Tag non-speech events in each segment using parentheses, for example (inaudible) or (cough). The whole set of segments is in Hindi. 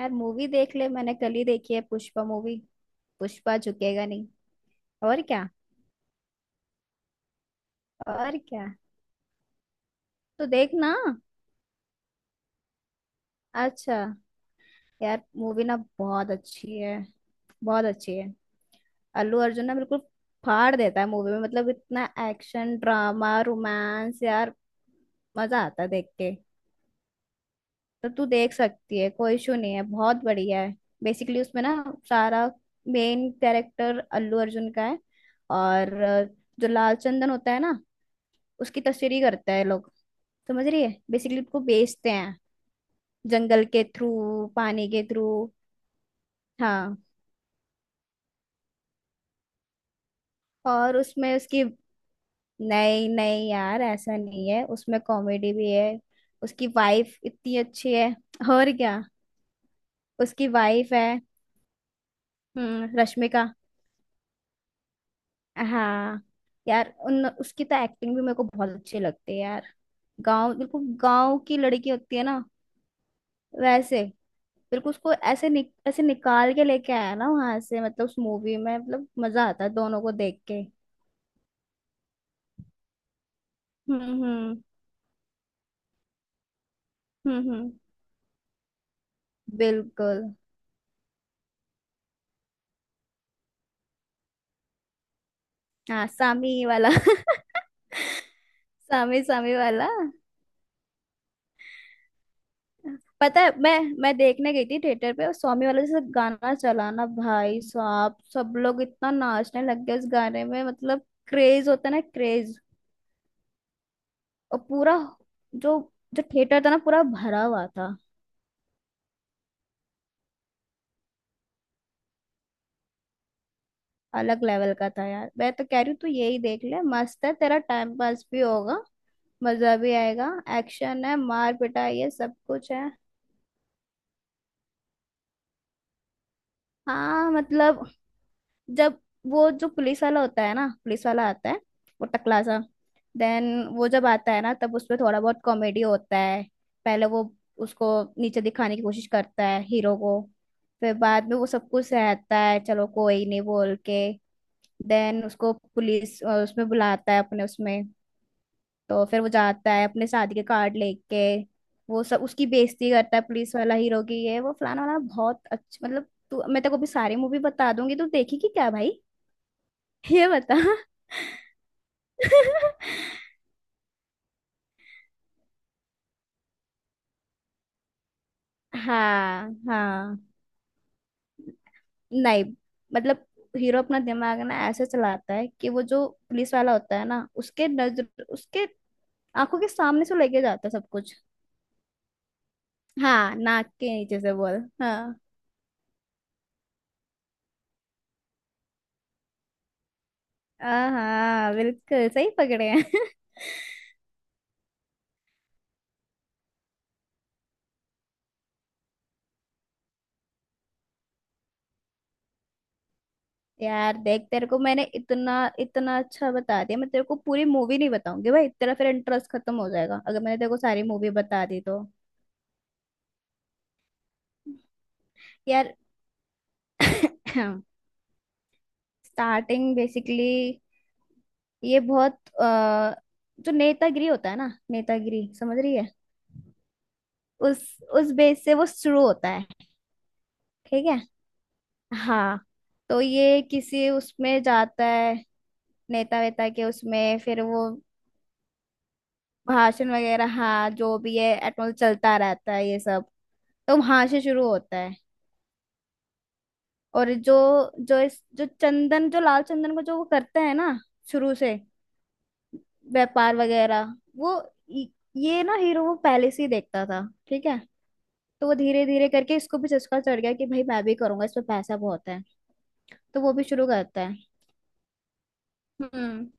यार मूवी देख ले। मैंने कल ही देखी है पुष्पा मूवी। पुष्पा झुकेगा नहीं। और क्या। और क्या। तो देख ना। अच्छा यार मूवी ना बहुत अच्छी है। बहुत अच्छी है। अल्लू अर्जुन ना बिल्कुल फाड़ देता है मूवी में। मतलब इतना एक्शन ड्रामा रोमांस यार। मजा आता है देख के। तो तू देख सकती है, कोई इशू नहीं है, बहुत बढ़िया है। बेसिकली उसमें ना सारा मेन कैरेक्टर अल्लू अर्जुन का है। और जो लाल चंदन होता है ना, उसकी तस्वीर करता है लोग। समझ रही है, बेसिकली उसको बेचते हैं जंगल के थ्रू, पानी के थ्रू। हाँ। और उसमें उसकी नहीं नहीं यार, ऐसा नहीं है, उसमें कॉमेडी भी है। उसकी वाइफ इतनी अच्छी है। और क्या। उसकी वाइफ है, हम्म, रश्मिका। हाँ यार, उन उसकी तो एक्टिंग भी मेरे को बहुत अच्छी लगती है यार। गांव बिल्कुल गांव की लड़की होती है ना, वैसे। बिल्कुल उसको ऐसे ऐसे निकाल के लेके आया ना वहां से। मतलब उस मूवी में मतलब मजा आता है दोनों को देख के। हम्म। हम्म। बिल्कुल। हाँ सामी वाला (laughs) सामी सामी वाला। पता है मैं देखने गई थी थिएटर पे, और स्वामी वाला जैसे गाना चला ना भाई साहब, सब लोग इतना नाचने लग गए उस गाने में। मतलब क्रेज होता है ना, क्रेज। और पूरा जो जो थिएटर था ना पूरा भरा हुआ था। अलग लेवल का था यार। मैं तो कह रही हूँ तू यही देख ले, मस्त है, तेरा टाइम पास भी होगा, मजा भी आएगा। एक्शन है, मार पिटाई है, सब कुछ है। हाँ मतलब जब वो जो पुलिस वाला होता है ना, पुलिस वाला आता है, वो टकला सा, देन वो जब आता है ना तब उसमें थोड़ा बहुत कॉमेडी होता है। पहले वो उसको नीचे दिखाने की कोशिश करता है हीरो को। फिर बाद में वो सब कुछ सहता है, चलो कोई नहीं बोल के। देन उसको पुलिस उसमें बुलाता है अपने उसमें। तो फिर वो जाता है अपने शादी के कार्ड लेके। वो सब उसकी बेइज्जती करता है, पुलिस वाला हीरो की, ये वो फलाना वाला। बहुत अच्छा मतलब तू, मैं तेरे को भी सारी मूवी बता दूंगी, तू देखेगी क्या भाई। ये बता। (laughs) हाँ हाँ। नहीं। मतलब हीरो अपना दिमाग ना ऐसे चलाता है कि वो जो पुलिस वाला होता है ना, उसके नजर उसके आंखों के सामने से लेके जाता है सब कुछ। हाँ नाक के नीचे से बोल। हाँ। हाँ बिल्कुल सही पकड़े हैं। यार देख, तेरे को मैंने इतना इतना अच्छा बता दिया, मैं तेरे को पूरी मूवी नहीं बताऊंगी भाई, तेरा फिर इंटरेस्ट खत्म हो जाएगा अगर मैंने तेरे को सारी मूवी बता दी तो। यार (clears throat) स्टार्टिंग बेसिकली ये बहुत जो नेतागिरी होता है ना, नेतागिरी समझ रही है, उस बेस से वो शुरू होता है। ठीक है। हाँ। तो ये किसी उसमें जाता है, नेता वेता के उसमें, फिर वो भाषण वगैरह, हाँ जो भी है, एटमोस चलता रहता है ये सब। तो वहां से शुरू होता है। और जो जो इस जो चंदन, जो लाल चंदन को जो वो करता है ना शुरू से, व्यापार वगैरह, वो इ- ये ना हीरो वो पहले से ही देखता था। ठीक है। तो वो धीरे धीरे करके इसको भी चस्का चढ़ गया कि भाई मैं भी करूंगा, इसमें पैसा बहुत है। तो वो भी शुरू करता है। हम्म।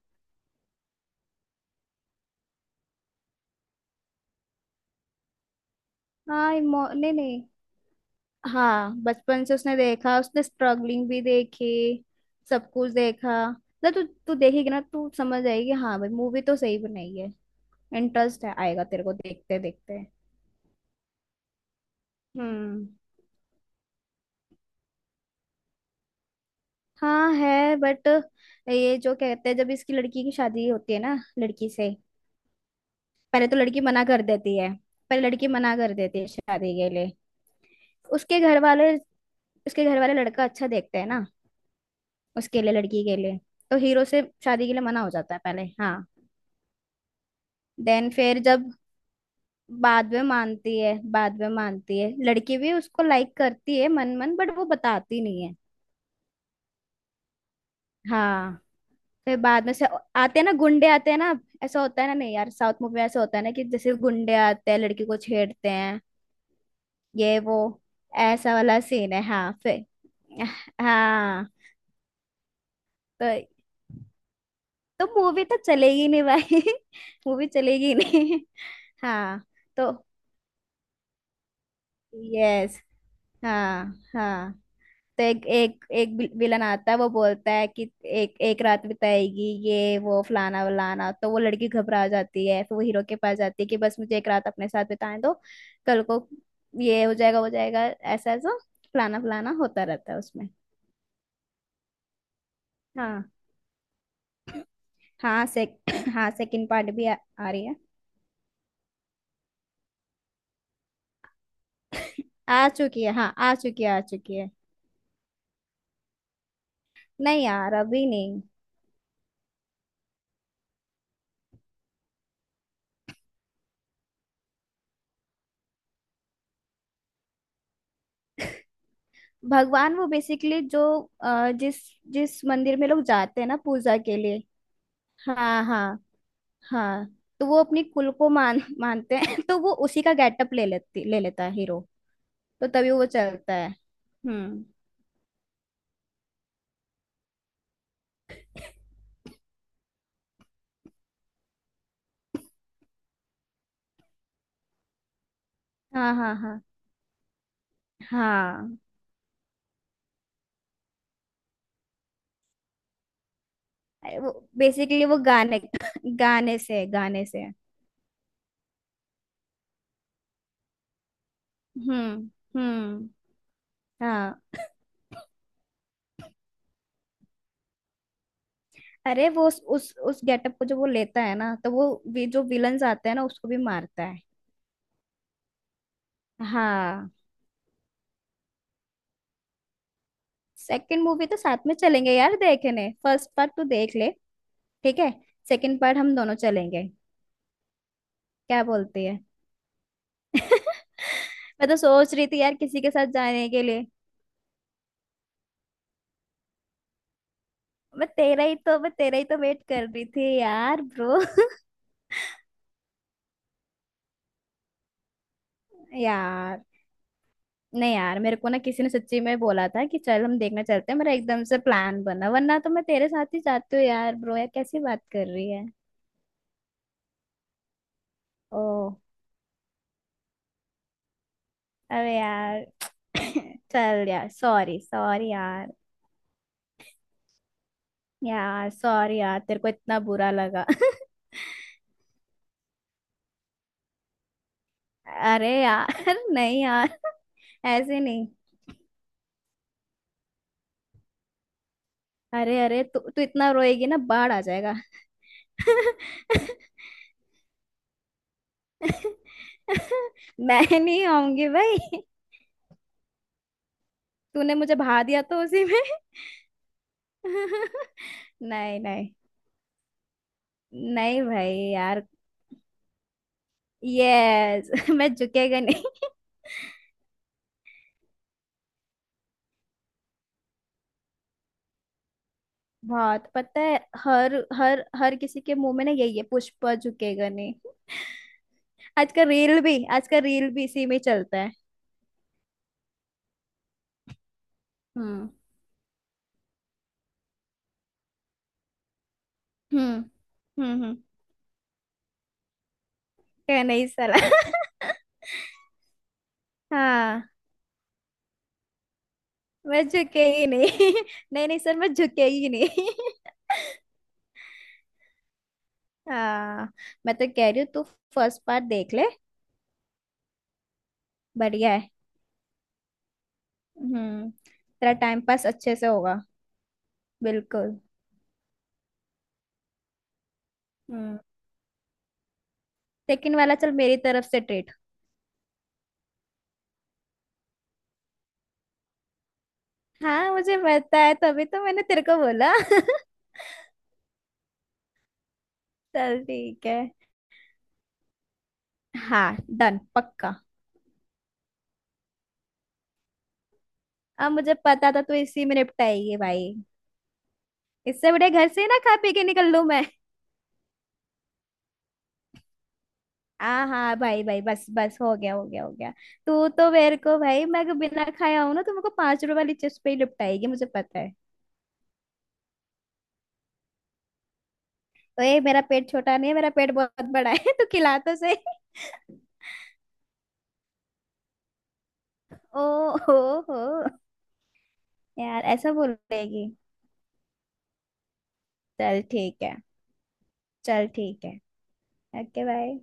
नहीं नहीं। हाँ बचपन से उसने देखा, उसने स्ट्रगलिंग भी देखी, सब कुछ देखा। मतलब तू तू देखेगी ना तू समझ जाएगी, हाँ भाई मूवी तो सही बनाई है। इंटरेस्ट है, आएगा तेरे को देखते देखते। हम्म। हाँ है, बट ये जो कहते हैं जब इसकी लड़की की शादी होती है ना, लड़की से पहले तो लड़की मना कर देती है। पहले लड़की मना कर देती है शादी के लिए। उसके घर वाले, उसके घर वाले लड़का अच्छा देखते हैं ना उसके लिए, लड़की के लिए। तो हीरो से शादी के लिए मना हो जाता है पहले। हाँ देन फिर जब बाद में मानती है, बाद में मानती है, लड़की भी उसको लाइक करती है मन मन, बट वो बताती नहीं है। हाँ फिर बाद में से आते हैं ना गुंडे, आते हैं ना। ऐसा होता है ना, नहीं यार साउथ मूवी में ऐसा होता है ना कि जैसे गुंडे आते हैं लड़की को छेड़ते हैं। ये वो ऐसा वाला सीन है, हाँ फिर। हाँ। तो तो मूवी तो चलेगी नहीं भाई (laughs) मूवी चलेगी नहीं। हाँ। तो यस। हाँ हाँ। तो एक एक एक विल- विलन आता है, वो बोलता है कि एक एक रात बिताएगी, ये वो फलाना वलाना। तो वो लड़की घबरा जाती है, फिर वो हीरो के पास जाती है कि बस मुझे एक रात अपने साथ बिताने दो, कल को ये हो जाएगा वो जाएगा, ऐसा ऐसा फलाना फलाना होता रहता है उसमें। हाँ। हाँ से (clears throat) हाँ सेकंड पार्ट भी आ रही है। आ चुकी है, हाँ आ चुकी है, आ चुकी है। नहीं यार अभी नहीं। भगवान वो बेसिकली जो जिस जिस मंदिर में लोग जाते हैं ना पूजा के लिए। हाँ हाँ हाँ। तो वो अपनी कुल को मान मानते हैं (laughs) तो वो उसी का गेटअप ले लेता है हीरो। तो तभी वो चलता है। हम्म। हाँ हाँ हाँ। हाँ। अरे वो बेसिकली वो गाने (laughs) गाने से। हम्म। हम्म। हाँ। अरे वो उस गेटअप को जो वो लेता है ना, तो वो जो विलन्स आते हैं ना उसको भी मारता है। हाँ। सेकंड मूवी तो साथ में चलेंगे यार देखने, फर्स्ट पार्ट तो देख ले। ठीक है। सेकंड पार्ट हम दोनों चलेंगे। क्या बोलती है। मैं तो सोच रही थी यार किसी के साथ जाने के लिए। मैं तेरा ही तो वेट कर रही थी यार ब्रो। (laughs) यार। नहीं यार, मेरे को ना किसी ने सच्ची में बोला था कि चल हम देखने चलते हैं, मेरा एकदम से प्लान बना, वरना तो मैं तेरे साथ ही जाती हूँ यार ब्रो। यार कैसी बात कर रही है। ओ। अरे यार (clears throat) (coughs) चल यार, सॉरी सॉरी यार। यार सॉरी यार तेरे को इतना बुरा लगा। (laughs) अरे यार नहीं यार (laughs) ऐसे नहीं। अरे अरे तू तू इतना रोएगी ना, बाढ़ आ जाएगा (laughs) (laughs) मैं नहीं आऊंगी भाई। तूने मुझे भा दिया तो उसी में। (laughs) नहीं नहीं। नहीं भाई यार। यस (laughs) मैं झुकेगा नहीं (laughs) बहुत पता है, हर हर हर किसी के मुंह में ना यही है, पुष्पा झुकेगा नहीं। (laughs) आज का रील भी, आज का रील भी इसी में चलता है। हम्म हम्म। हम्म। क्या नहीं साला (laughs) हाँ मैं झुकेगी नहीं (laughs) नहीं नहीं सर मैं झुकेगी नहीं (laughs) हाँ। मैं तो कह रही हूँ तू फर्स्ट पार्ट देख ले। बढ़िया है। तेरा टाइम पास अच्छे से होगा। बिल्कुल। हम्म सेकंड वाला चल, मेरी तरफ से ट्रीट। हाँ मुझे पता है, तभी तो मैंने तेरे को बोला (laughs) चल ठीक है। हाँ डन पक्का। अब मुझे पता था तू इसी में निपटाएगी भाई। इससे बड़े घर से ही ना खा पी के निकल लूं मैं। हाँ हाँ भाई भाई, बस बस हो गया हो गया हो गया। तू तो मेरे को भाई, मैं अगर बिना खाया हूं ना तो मेरे को पांच रुपए वाली चिप्स पे ही निपटाएगी, मुझे पता है। ओए मेरा पेट छोटा नहीं है, मेरा पेट बहुत बड़ा है, तू खिला तो सही। (laughs) ओ हो हो। यार ऐसा बोल रहेगी। चल ठीक है। चल ठीक है। Okay bye.